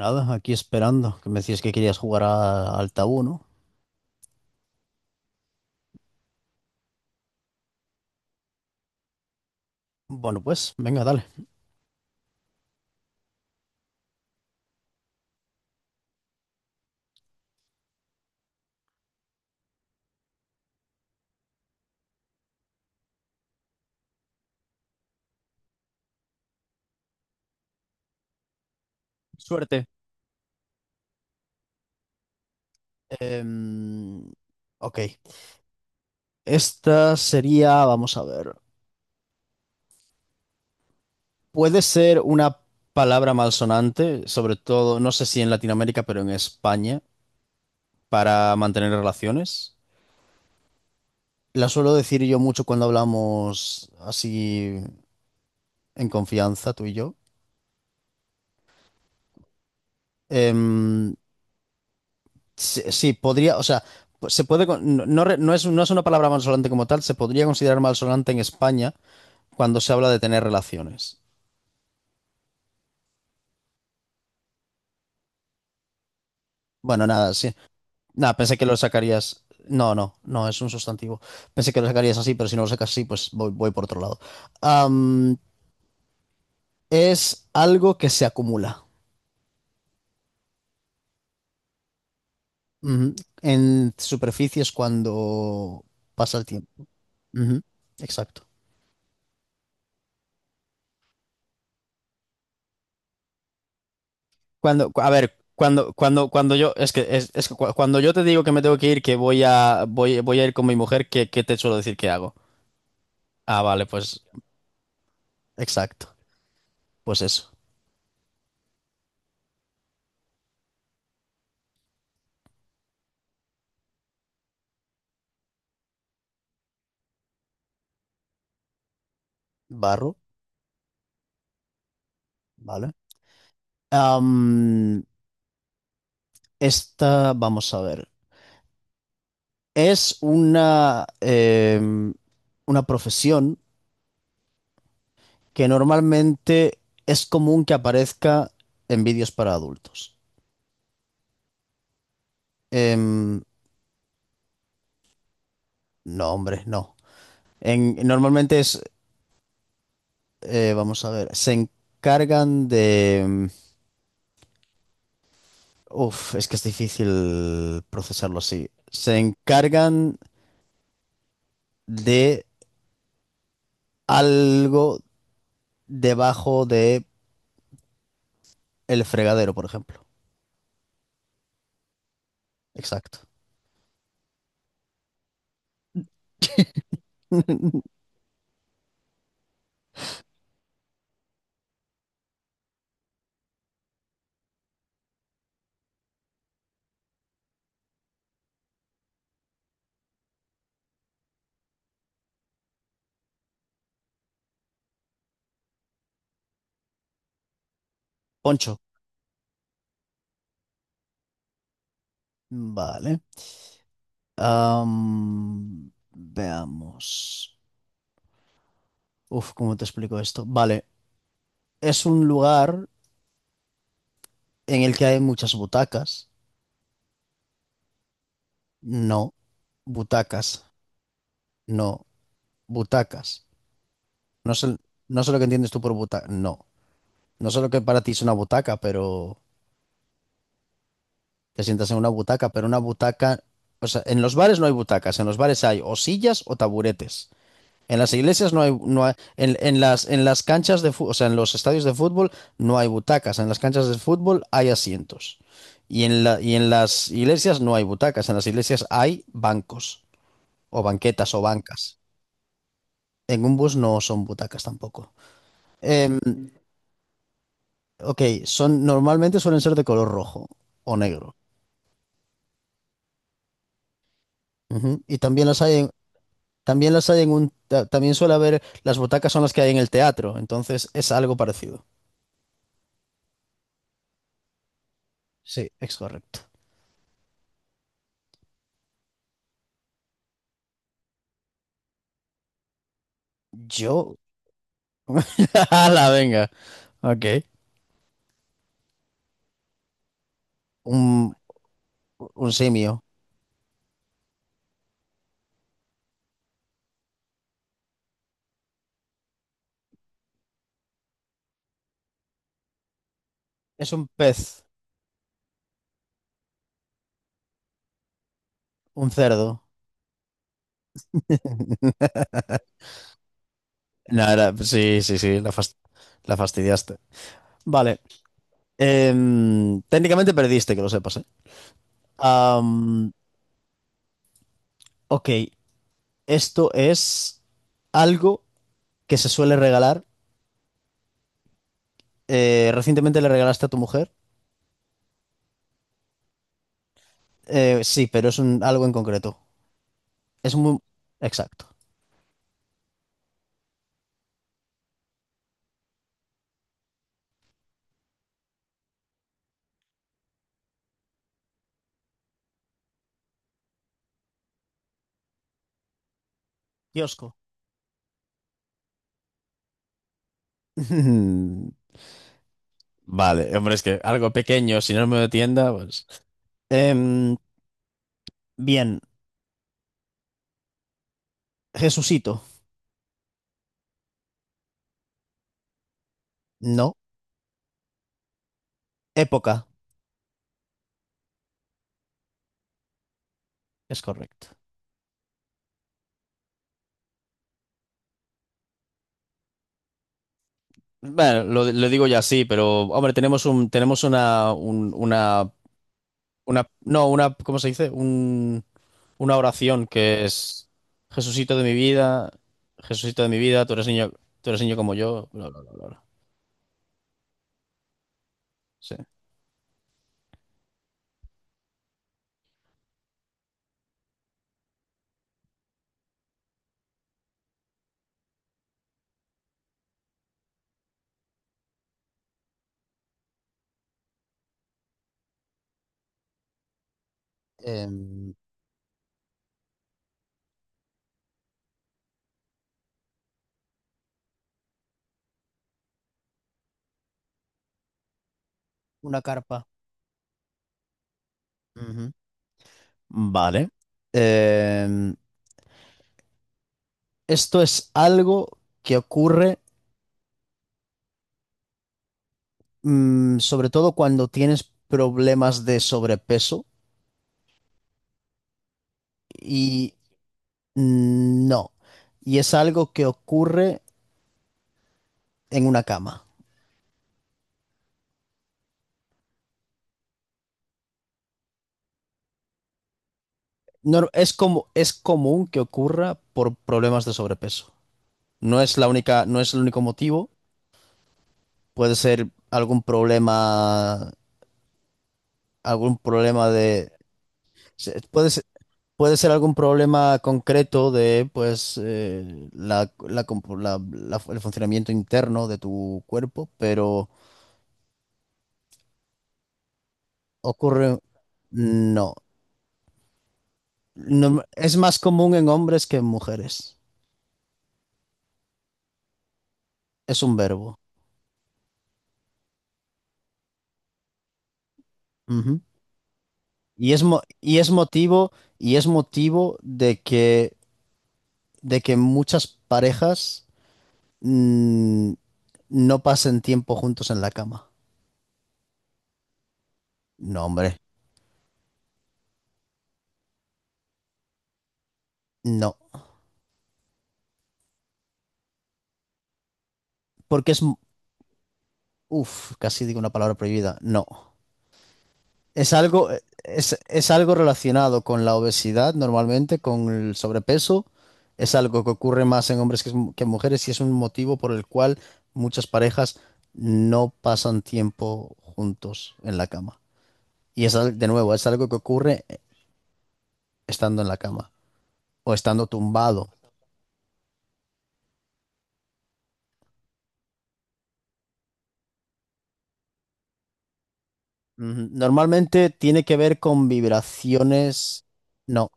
Nada, aquí esperando, que me decías que querías jugar al tabú, ¿no? Bueno, pues, venga, dale. Suerte. Em, ok, esta sería, vamos a ver, puede ser una palabra malsonante, sobre todo, no sé si en Latinoamérica, pero en España, para mantener relaciones. La suelo decir yo mucho cuando hablamos así en confianza, tú y yo. Em, Sí, sí, podría, o sea, se puede, no, no es, no es una palabra malsonante como tal, se podría considerar malsonante en España cuando se habla de tener relaciones. Bueno, nada, sí. Nada, pensé que lo sacarías. No, no, no, es un sustantivo. Pensé que lo sacarías así, pero si no lo sacas así, pues voy, voy por otro lado. Am, es algo que se acumula, ujú, en superficies cuando pasa el tiempo. Ujú, exacto. Cuando, a ver, cuando, cuando, cuando yo, es que cuando yo te digo que me tengo que ir, que voy a, voy, voy a ir con mi mujer, ¿qué, qué te suelo decir que hago? Ah, vale, pues, exacto. Pues eso. Barro, ¿vale? Am, esta, vamos a ver. Es una, una profesión que normalmente es común que aparezca en vídeos para adultos. Em, no, hombre, no. Normalmente es... vamos a ver. Se encargan de... uf, es que es difícil procesarlo así. Se encargan de algo debajo de el fregadero, por ejemplo. Exacto. Poncho. Vale. Veamos. Uf, ¿cómo te explico esto? Vale. Es un lugar en el que hay muchas butacas. No. Butacas. No. Butacas. No sé, no sé lo que entiendes tú por butaca. No. No solo que para ti es una butaca, pero te sientas en una butaca, pero una butaca, o sea, en los bares no hay butacas, en los bares hay o sillas o taburetes. En las iglesias no hay, en las canchas de fútbol, o sea, en los estadios de fútbol no hay butacas, en las canchas de fútbol hay asientos. Y en la, y en las iglesias no hay butacas, en las iglesias hay bancos o banquetas o bancas. En un bus no son butacas tampoco. Em, ok, son, normalmente suelen ser de color rojo o negro. Ujú. Y también las hay en, también las hay en un, también suele haber, las butacas son las que hay en el teatro, entonces es algo parecido. Sí, es correcto. Yo, la venga, ok. Un, un simio. Es un pez, un cerdo. Nada, sí, sí, sí, la, la fastidiaste. Vale. Técnicamente perdiste, que lo sepas, ¿eh? Am, ok, esto es algo que se suele regalar. Recientemente le regalaste a tu mujer. Sí, pero es algo en concreto. Es muy... Exacto. Kiosco. Mm, vale, hombre, es que algo pequeño, si no me de tienda, pues. Em, bien. Jesucito. No. Época. Es correcto. Bueno, lo digo ya así, pero hombre, tenemos un, tenemos una, una, no, una, ¿cómo se dice? Un, una oración que es Jesucito de mi vida, Jesucito de mi vida, tú eres niño como yo, bla, bla, bla, bla, bla. Sí. Em, una carpa. Ujú. Vale. Em, esto es algo que ocurre, mm, sobre todo cuando tienes problemas de sobrepeso y, mm, no. Y es algo que ocurre en una cama. No, es como, es común que ocurra por problemas de sobrepeso. No es la única, no es el único motivo. Puede ser algún problema de... puede ser, puede ser algún problema concreto de, pues, la, el funcionamiento interno de tu cuerpo, pero ocurre... No, no, es más común en hombres que en mujeres. Es un verbo. Ujú. Y es, y es motivo de que muchas parejas, mm, no pasen tiempo juntos en la cama. No, hombre, no. Porque es... uf, casi digo una palabra prohibida. No. Es algo, es algo relacionado con la obesidad, normalmente, con el sobrepeso. Es algo que ocurre más en hombres que en mujeres y es un motivo por el cual muchas parejas no pasan tiempo juntos en la cama. Y es, de nuevo, es algo que ocurre, estando en la cama o estando tumbado. Ujú. Normalmente tiene que ver con vibraciones. No,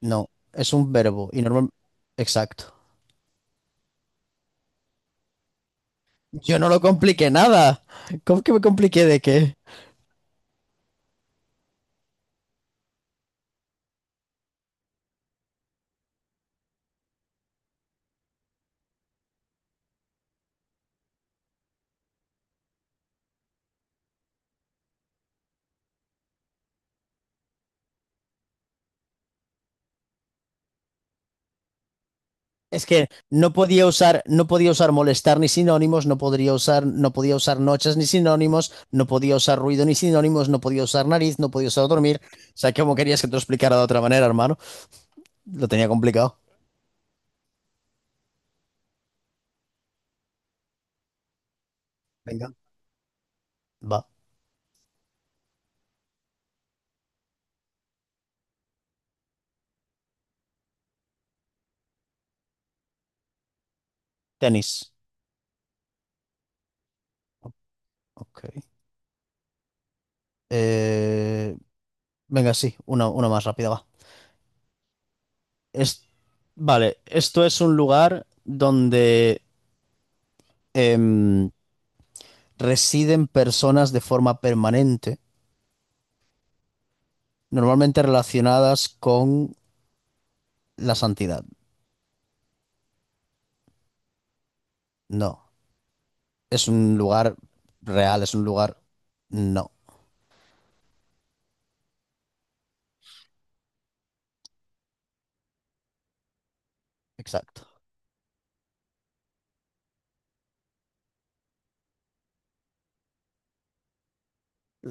no, es un verbo y normal. Exacto. Yo no lo compliqué nada. ¿Cómo que me compliqué de qué? Es que no podía usar, no podía usar molestar ni sinónimos, no podría usar, no podía usar noches ni sinónimos, no podía usar ruido ni sinónimos, no podía usar nariz, no podía usar dormir. O sea, ¿cómo querías que te lo explicara de otra manera, hermano? Lo tenía complicado. Venga, va. Tenis. Ok. Eh, venga, sí, una más rápida, va. Es, vale, esto es un lugar donde, em, residen personas de forma permanente, normalmente relacionadas con la santidad, no. Es un lugar real, es un lugar... No, exacto.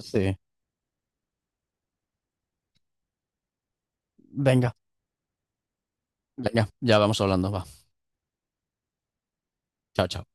Sí. Venga, venga, ya vamos hablando, va. Chao, chao.